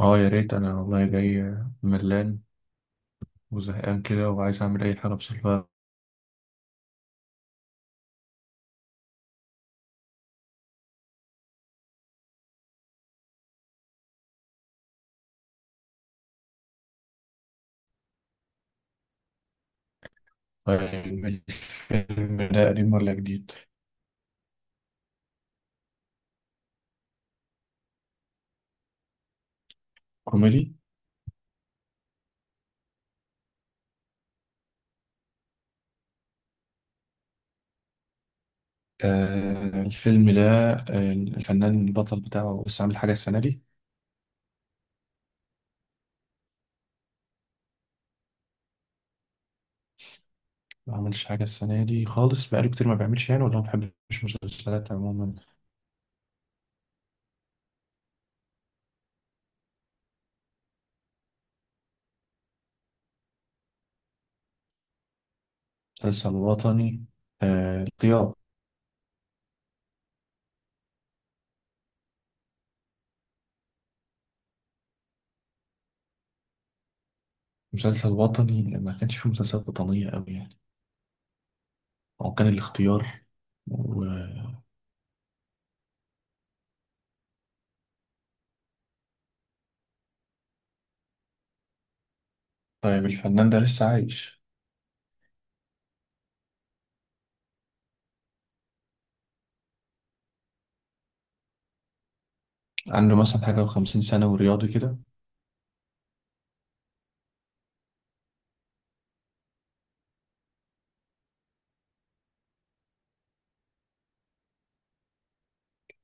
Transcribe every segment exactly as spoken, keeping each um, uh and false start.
اه، يا ريت. انا والله جاي ملان وزهقان كده، وعايز اعمل اي حاجه بصراحه. طيب، الفيلم ده قديم ولا جديد؟ كوميدي؟ آه الفيلم ده آه، الفنان البطل بتاعه بس عامل حاجه السنه دي. ما عملش حاجه السنه دي خالص، بقاله كتير ما بيعملش يعني، ولا ما بحبش مسلسلات عموما. مسلسل وطني؟ آه، الاختيار. مسلسل وطني، ما كانش فيه مسلسلات وطنية أوي يعني. هو كان الاختيار؟ و... طيب، الفنان ده لسه عايش؟ عنده مثلا حاجة وخمسين سنة ورياضي كده؟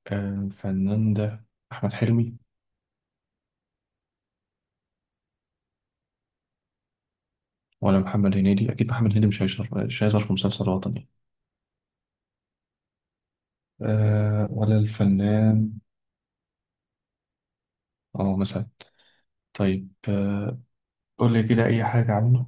آه، الفنان ده أحمد حلمي؟ ولا محمد هنيدي؟ أكيد محمد هنيدي مش هيظهر مش هيظهر في مسلسل وطني. آه، ولا الفنان. اه، مثلا. طيب، آه قول لي كده أي حاجة عنه.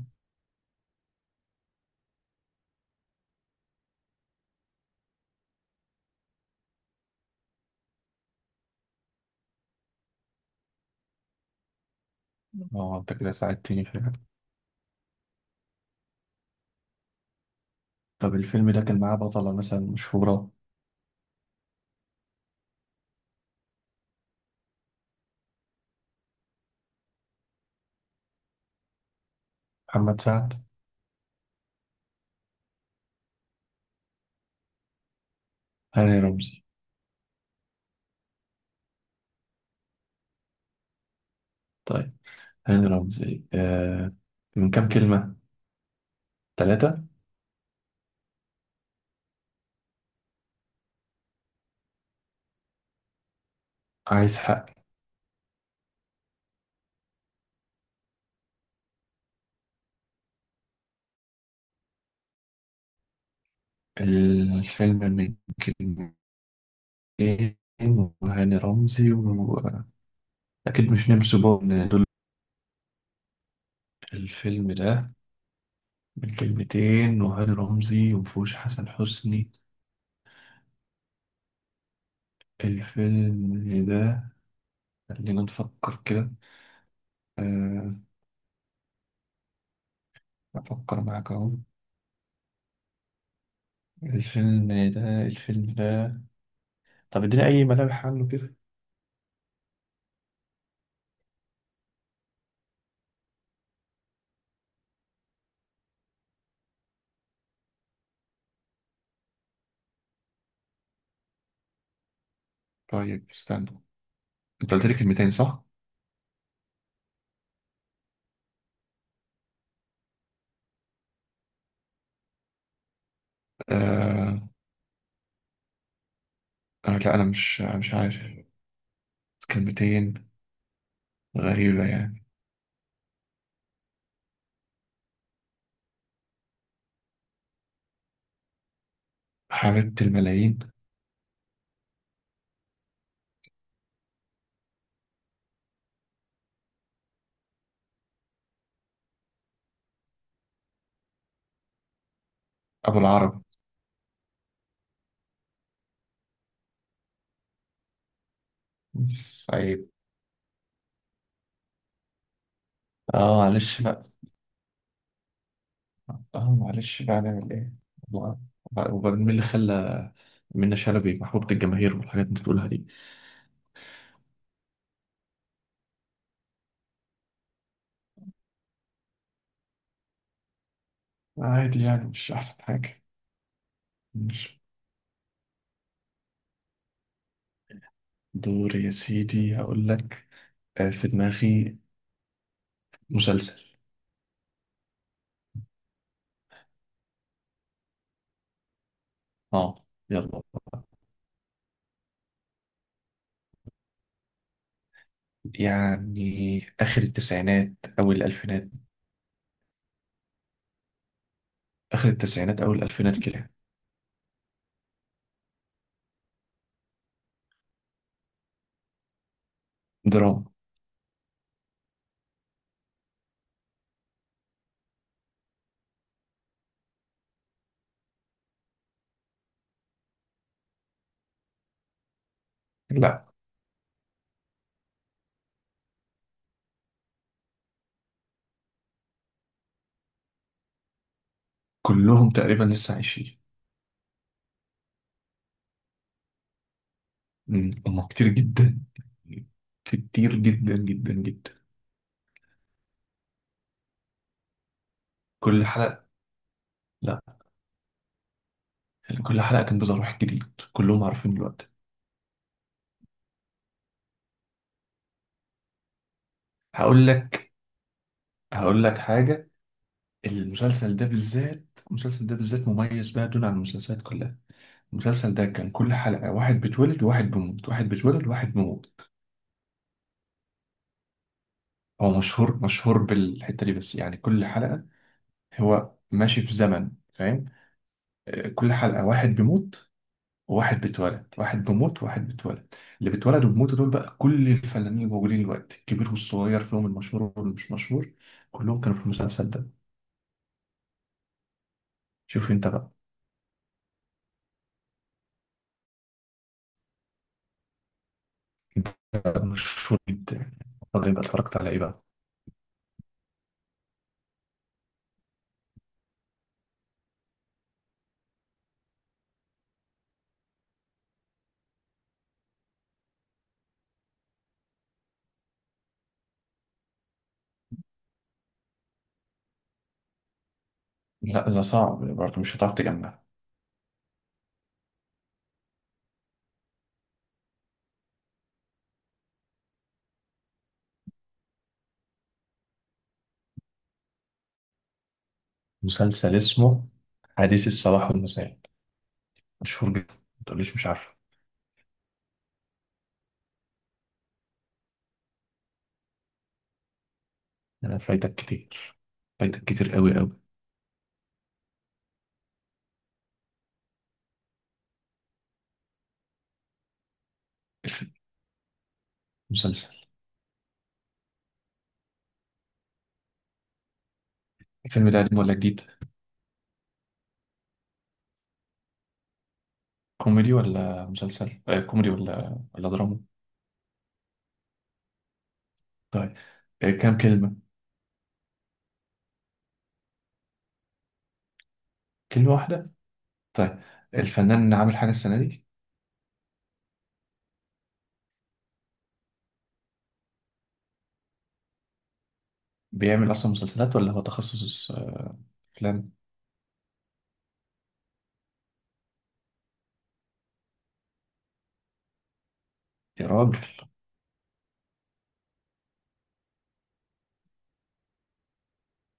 اه، أنت كده ساعدتني فعلا. طب الفيلم ده كان معاه بطلة مثلا مشهورة؟ محمد سعد؟ هاني رمزي؟ طيب، هاني رمزي. آه من كام كلمة؟ ثلاثة؟ عايز حق. الفيلم من كلمتين وهاني رمزي، وأكيد مش نمسو بون دول. الفيلم ده من كلمتين وهاني رمزي، ومفهوش حسن حسني. الفيلم ده، خلينا نفكر كده. آه، أفكر معاك أهو. الفيلم ده الفيلم ده، طب اديني أي ملامح عنه كده. طيب، استنى. أنت قلت لي كلمتين صح؟ آه، آه، لا، أنا مش مش عارف. كلمتين. غريبة يعني. حبيبة الملايين. أبو العرب. سعيد. آه معلش بقى. آه معلش بقى، نعمل إيه. الله. وب- وبعدين مين اللي خلى منة شلبي محبوبة الجماهير والحاجات اللي بتقولها دي؟ عادي يعني، مش أحسن حاجة. مش دور يا سيدي، هقول لك. آه، في دماغي مسلسل. آه، يلا بقى. يعني آخر التسعينات أول الألفينات. آخر التسعينات أول الألفينات كده. دراما. لا، كلهم تقريبا لسه عايشين. مم، هم كتير جدا، كتير جدا جدا جدا. كل حلقة، لا، يعني كل حلقة كان بيظهر واحد جديد. كلهم عارفين دلوقتي. هقول لك. هقول لك حاجة. المسلسل ده بالذات المسلسل ده بالذات مميز بقى دون عن المسلسلات كلها. المسلسل ده كان كل حلقة واحد بيتولد وواحد بيموت، واحد بيتولد وواحد بيموت. هو مشهور، مشهور بالحتة دي، بس يعني كل حلقة، هو ماشي في زمن فاهم. آه، كل حلقة واحد بيموت، واحد بيتولد، واحد بيموت، واحد بيتولد. اللي بيتولد وبيموتوا دول بقى كل الفنانين الموجودين دلوقتي، الكبير والصغير فيهم، المشهور واللي مش مشهور. كلهم كانوا في المسلسل ده. شوف انت بقى. انت بقى مشهور جدا. طب انت اتفرجت على ايه بقى؟ لا، ده صعب برضه، مش هتعرف تجمع. مسلسل اسمه حديث الصباح والمساء، مشهور جدا، ما تقوليش مش عارفه. انا فايتك كتير، فايتك كتير قوي قوي. الف- مسلسل. الفيلم ده قديم ولا جديد؟ كوميدي ولا مسلسل آه كوميدي ولا ولا دراما؟ طيب، آه، كام كلمة؟ كلمة واحدة؟ طيب، الفنان اللي عامل حاجة السنة دي. بيعمل أصلا مسلسلات، ولا هو تخصص آه، أفلام؟ يا راجل.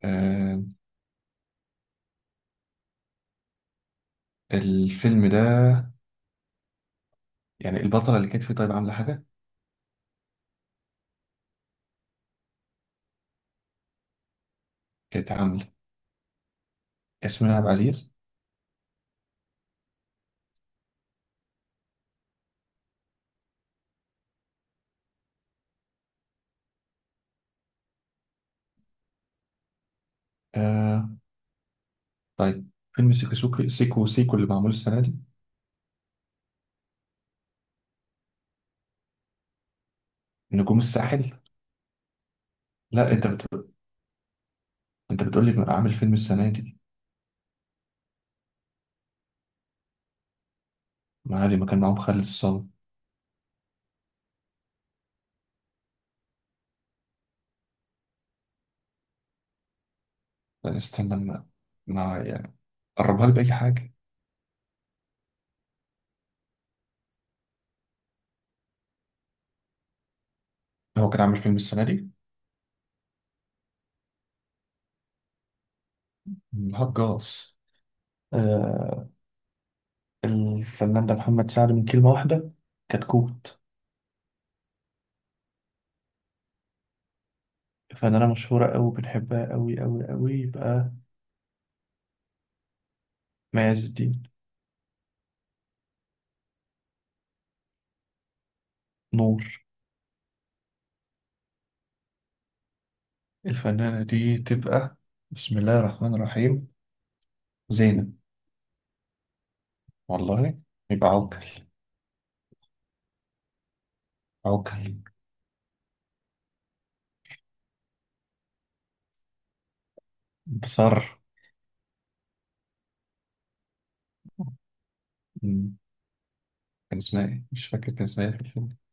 آه الفيلم ده، يعني البطلة اللي كانت فيه طيب عاملة حاجة؟ كانت عاملة ياسمين عبد العزيز؟ آه طيب، فيلم سيكو سوكي سيكو سيكو اللي معمول السنة دي. نجوم الساحل؟ لا، أنت بت... أنت بتقول لي عامل فيلم السنة دي. ما عادي، ما كان معاهم خالد الصاوي. لا، استنى، ما ما يعني قربها لي بأي حاجة. هو كان عامل فيلم السنة دي؟ الهجاص. آه، الفنان ده محمد سعد من كلمة واحدة. كتكوت. فنانة مشهورة أوي بنحبها أوي أوي أوي، يبقى مي عز الدين. نور. الفنانة دي تبقى، بسم الله الرحمن الرحيم، زينة. والله. يبقى عوكل. عوكل. انتصار. مم. كان اسمها ايه؟ مش فاكر كان اسمها ايه.